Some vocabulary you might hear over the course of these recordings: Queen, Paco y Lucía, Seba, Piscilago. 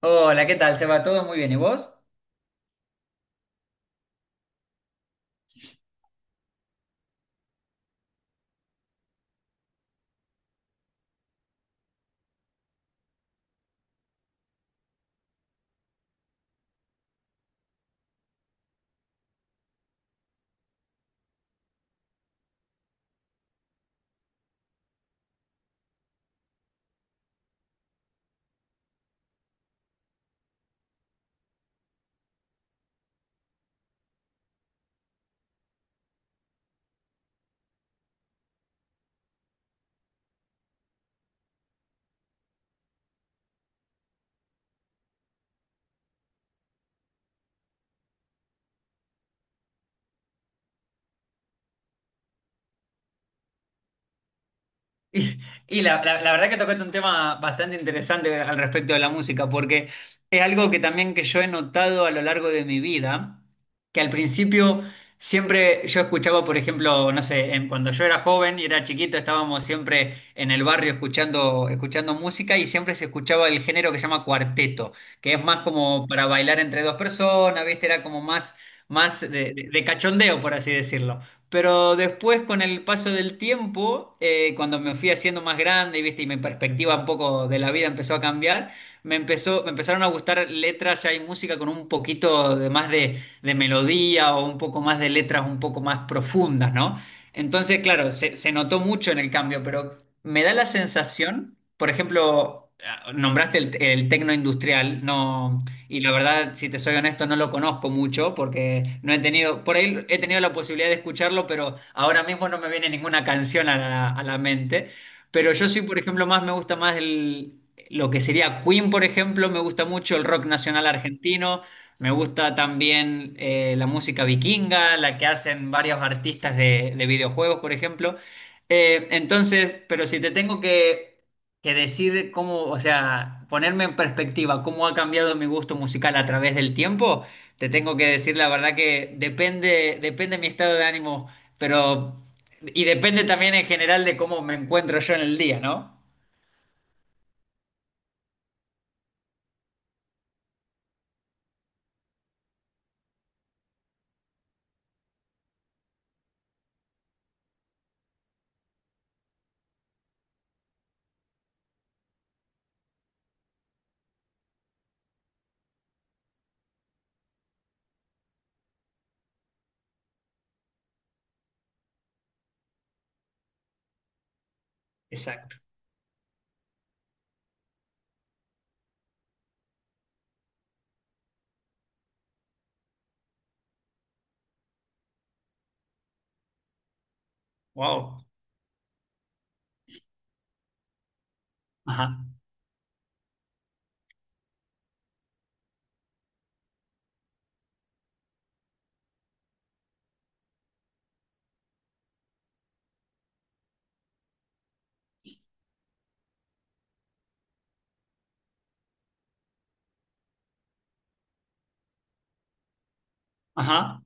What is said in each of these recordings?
Hola, ¿qué tal, Seba? ¿Todo muy bien? ¿Y vos? Y, la verdad que tocaste un tema bastante interesante al respecto de la música, porque es algo que también que yo he notado a lo largo de mi vida, que al principio siempre yo escuchaba, por ejemplo, no sé, cuando yo era joven y era chiquito, estábamos siempre en el barrio escuchando, escuchando música y siempre se escuchaba el género que se llama cuarteto, que es más como para bailar entre dos personas, ¿viste? Era como más, más de cachondeo, por así decirlo. Pero después, con el paso del tiempo, cuando me fui haciendo más grande, y viste, y mi perspectiva un poco de la vida empezó a cambiar, me empezaron a gustar letras ya y música con un poquito de más de melodía o un poco más de letras un poco más profundas, ¿no? Entonces, claro, se notó mucho en el cambio, pero me da la sensación, por ejemplo, ah, nombraste el tecno industrial, no, y la verdad, si te soy honesto, no lo conozco mucho porque no he tenido, por ahí he tenido la posibilidad de escucharlo, pero ahora mismo no me viene ninguna canción a la mente. Pero yo sí, por ejemplo, más me gusta más el, lo que sería Queen, por ejemplo, me gusta mucho el rock nacional argentino, me gusta también la música vikinga, la que hacen varios artistas de videojuegos, por ejemplo. Entonces, pero si te tengo que decide cómo, o sea, ponerme en perspectiva cómo ha cambiado mi gusto musical a través del tiempo, te tengo que decir la verdad que depende, depende mi estado de ánimo, pero y depende también en general de cómo me encuentro yo en el día, ¿no? Exacto. Wow. Ajá. Ajá.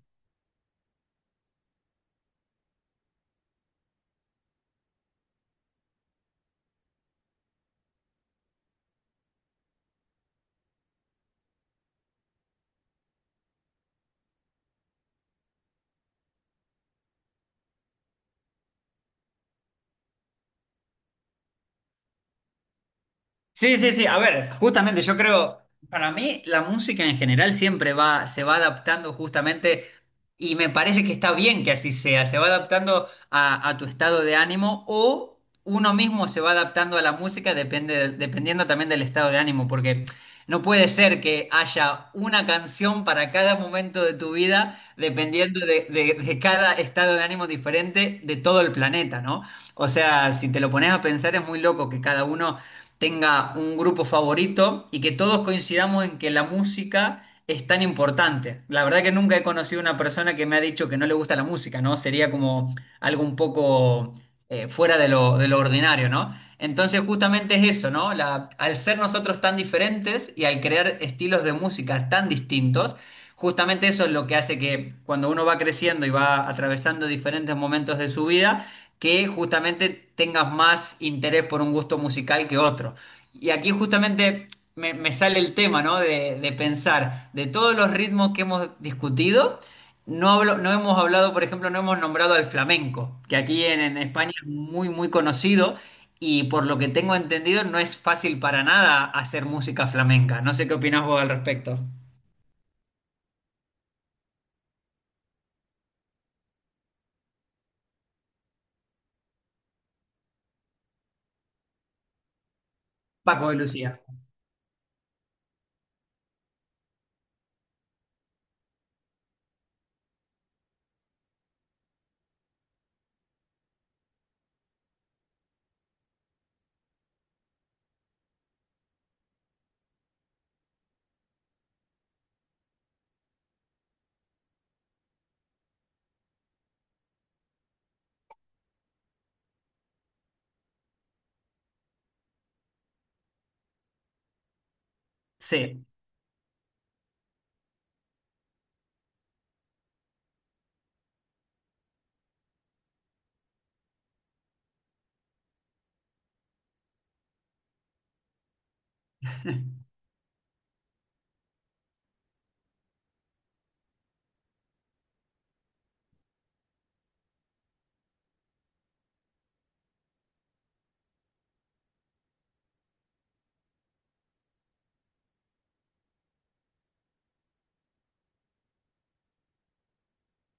Sí, sí, sí. A ver, justamente yo creo, para mí la música en general siempre va, se va adaptando justamente y me parece que está bien que así sea. Se va adaptando a tu estado de ánimo o uno mismo se va adaptando a la música depende, dependiendo también del estado de ánimo, porque no puede ser que haya una canción para cada momento de tu vida dependiendo de, de cada estado de ánimo diferente de todo el planeta, ¿no? O sea, si te lo pones a pensar es muy loco que cada uno tenga un grupo favorito y que todos coincidamos en que la música es tan importante. La verdad que nunca he conocido una persona que me ha dicho que no le gusta la música, ¿no? Sería como algo un poco fuera de lo ordinario, ¿no? Entonces justamente es eso, ¿no? Al ser nosotros tan diferentes y al crear estilos de música tan distintos, justamente eso es lo que hace que cuando uno va creciendo y va atravesando diferentes momentos de su vida, que justamente tengas más interés por un gusto musical que otro. Y aquí justamente me sale el tema, ¿no? De pensar, de todos los ritmos que hemos discutido, no hemos hablado, por ejemplo, no hemos nombrado al flamenco, que aquí en España es muy, muy conocido y por lo que tengo entendido no es fácil para nada hacer música flamenca. No sé qué opinás vos al respecto. Paco y Lucía. Sí,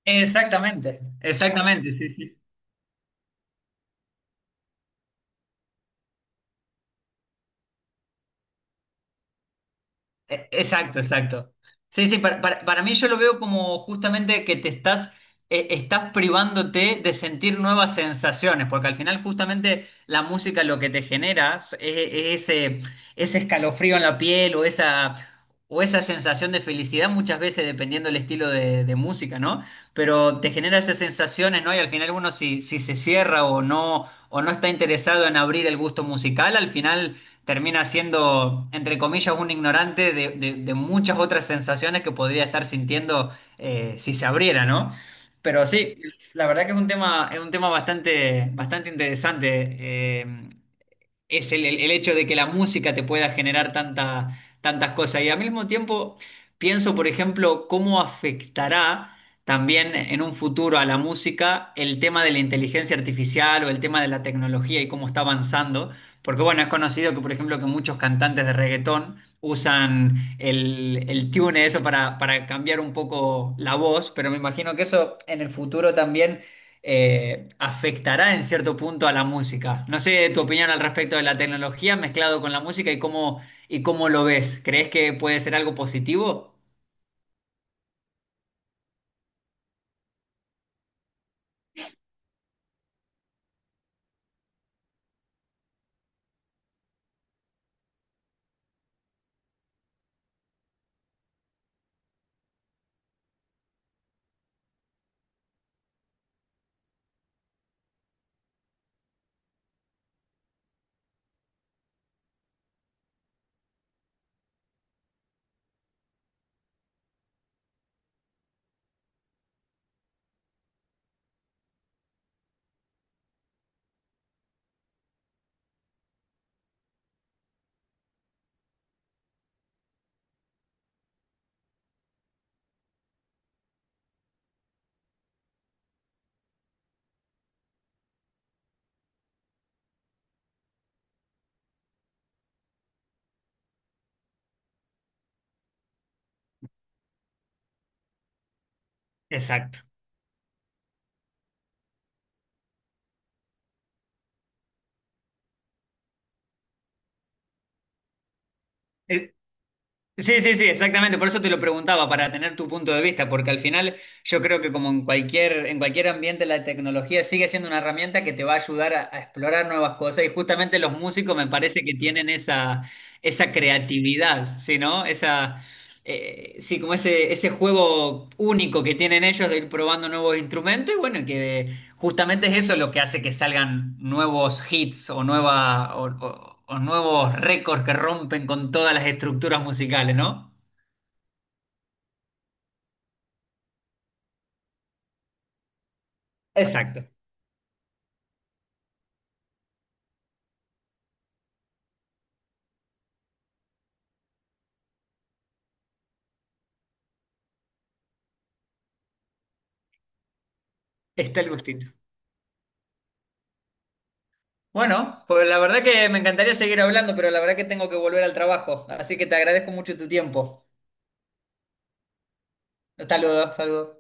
exactamente, exactamente, sí, sí. E- Exacto, exacto. Sí, sí, para, para mí yo lo veo como justamente que te estás, estás privándote de sentir nuevas sensaciones, porque al final justamente la música lo que te genera es ese, ese escalofrío en la piel o esa sensación de felicidad muchas veces dependiendo del estilo de música, ¿no? Pero te genera esas sensaciones, ¿no? Y al final uno si, si se cierra o no está interesado en abrir el gusto musical, al final termina siendo, entre comillas, un ignorante de, de muchas otras sensaciones que podría estar sintiendo si se abriera, ¿no? Pero sí, la verdad que es un tema bastante, bastante interesante. Es el, el hecho de que la música te pueda generar tantas cosas. Y al mismo tiempo pienso, por ejemplo, cómo afectará también en un futuro a la música el tema de la inteligencia artificial o el tema de la tecnología y cómo está avanzando. Porque bueno, es conocido que, por ejemplo, que muchos cantantes de reggaetón usan el tune, eso para cambiar un poco la voz, pero me imagino que eso en el futuro también afectará en cierto punto a la música. No sé tu opinión al respecto de la tecnología mezclado con la música y cómo lo ves. ¿Crees que puede ser algo positivo? Exacto. E- Sí, sí, sí, exactamente. Por eso te lo preguntaba, para tener tu punto de vista, porque al final yo creo que como en cualquier ambiente la tecnología sigue siendo una herramienta que te va a ayudar a explorar nuevas cosas y justamente los músicos me parece que tienen esa, esa creatividad, ¿sí, no? Esa, sí, como ese juego único que tienen ellos de ir probando nuevos instrumentos y bueno, que justamente es eso lo que hace que salgan nuevos hits o, nueva, o nuevos récords que rompen con todas las estructuras musicales, ¿no? Exacto. Está el gustillo. Bueno, pues la verdad que me encantaría seguir hablando, pero la verdad que tengo que volver al trabajo. Así que te agradezco mucho tu tiempo. Saludos, saludos.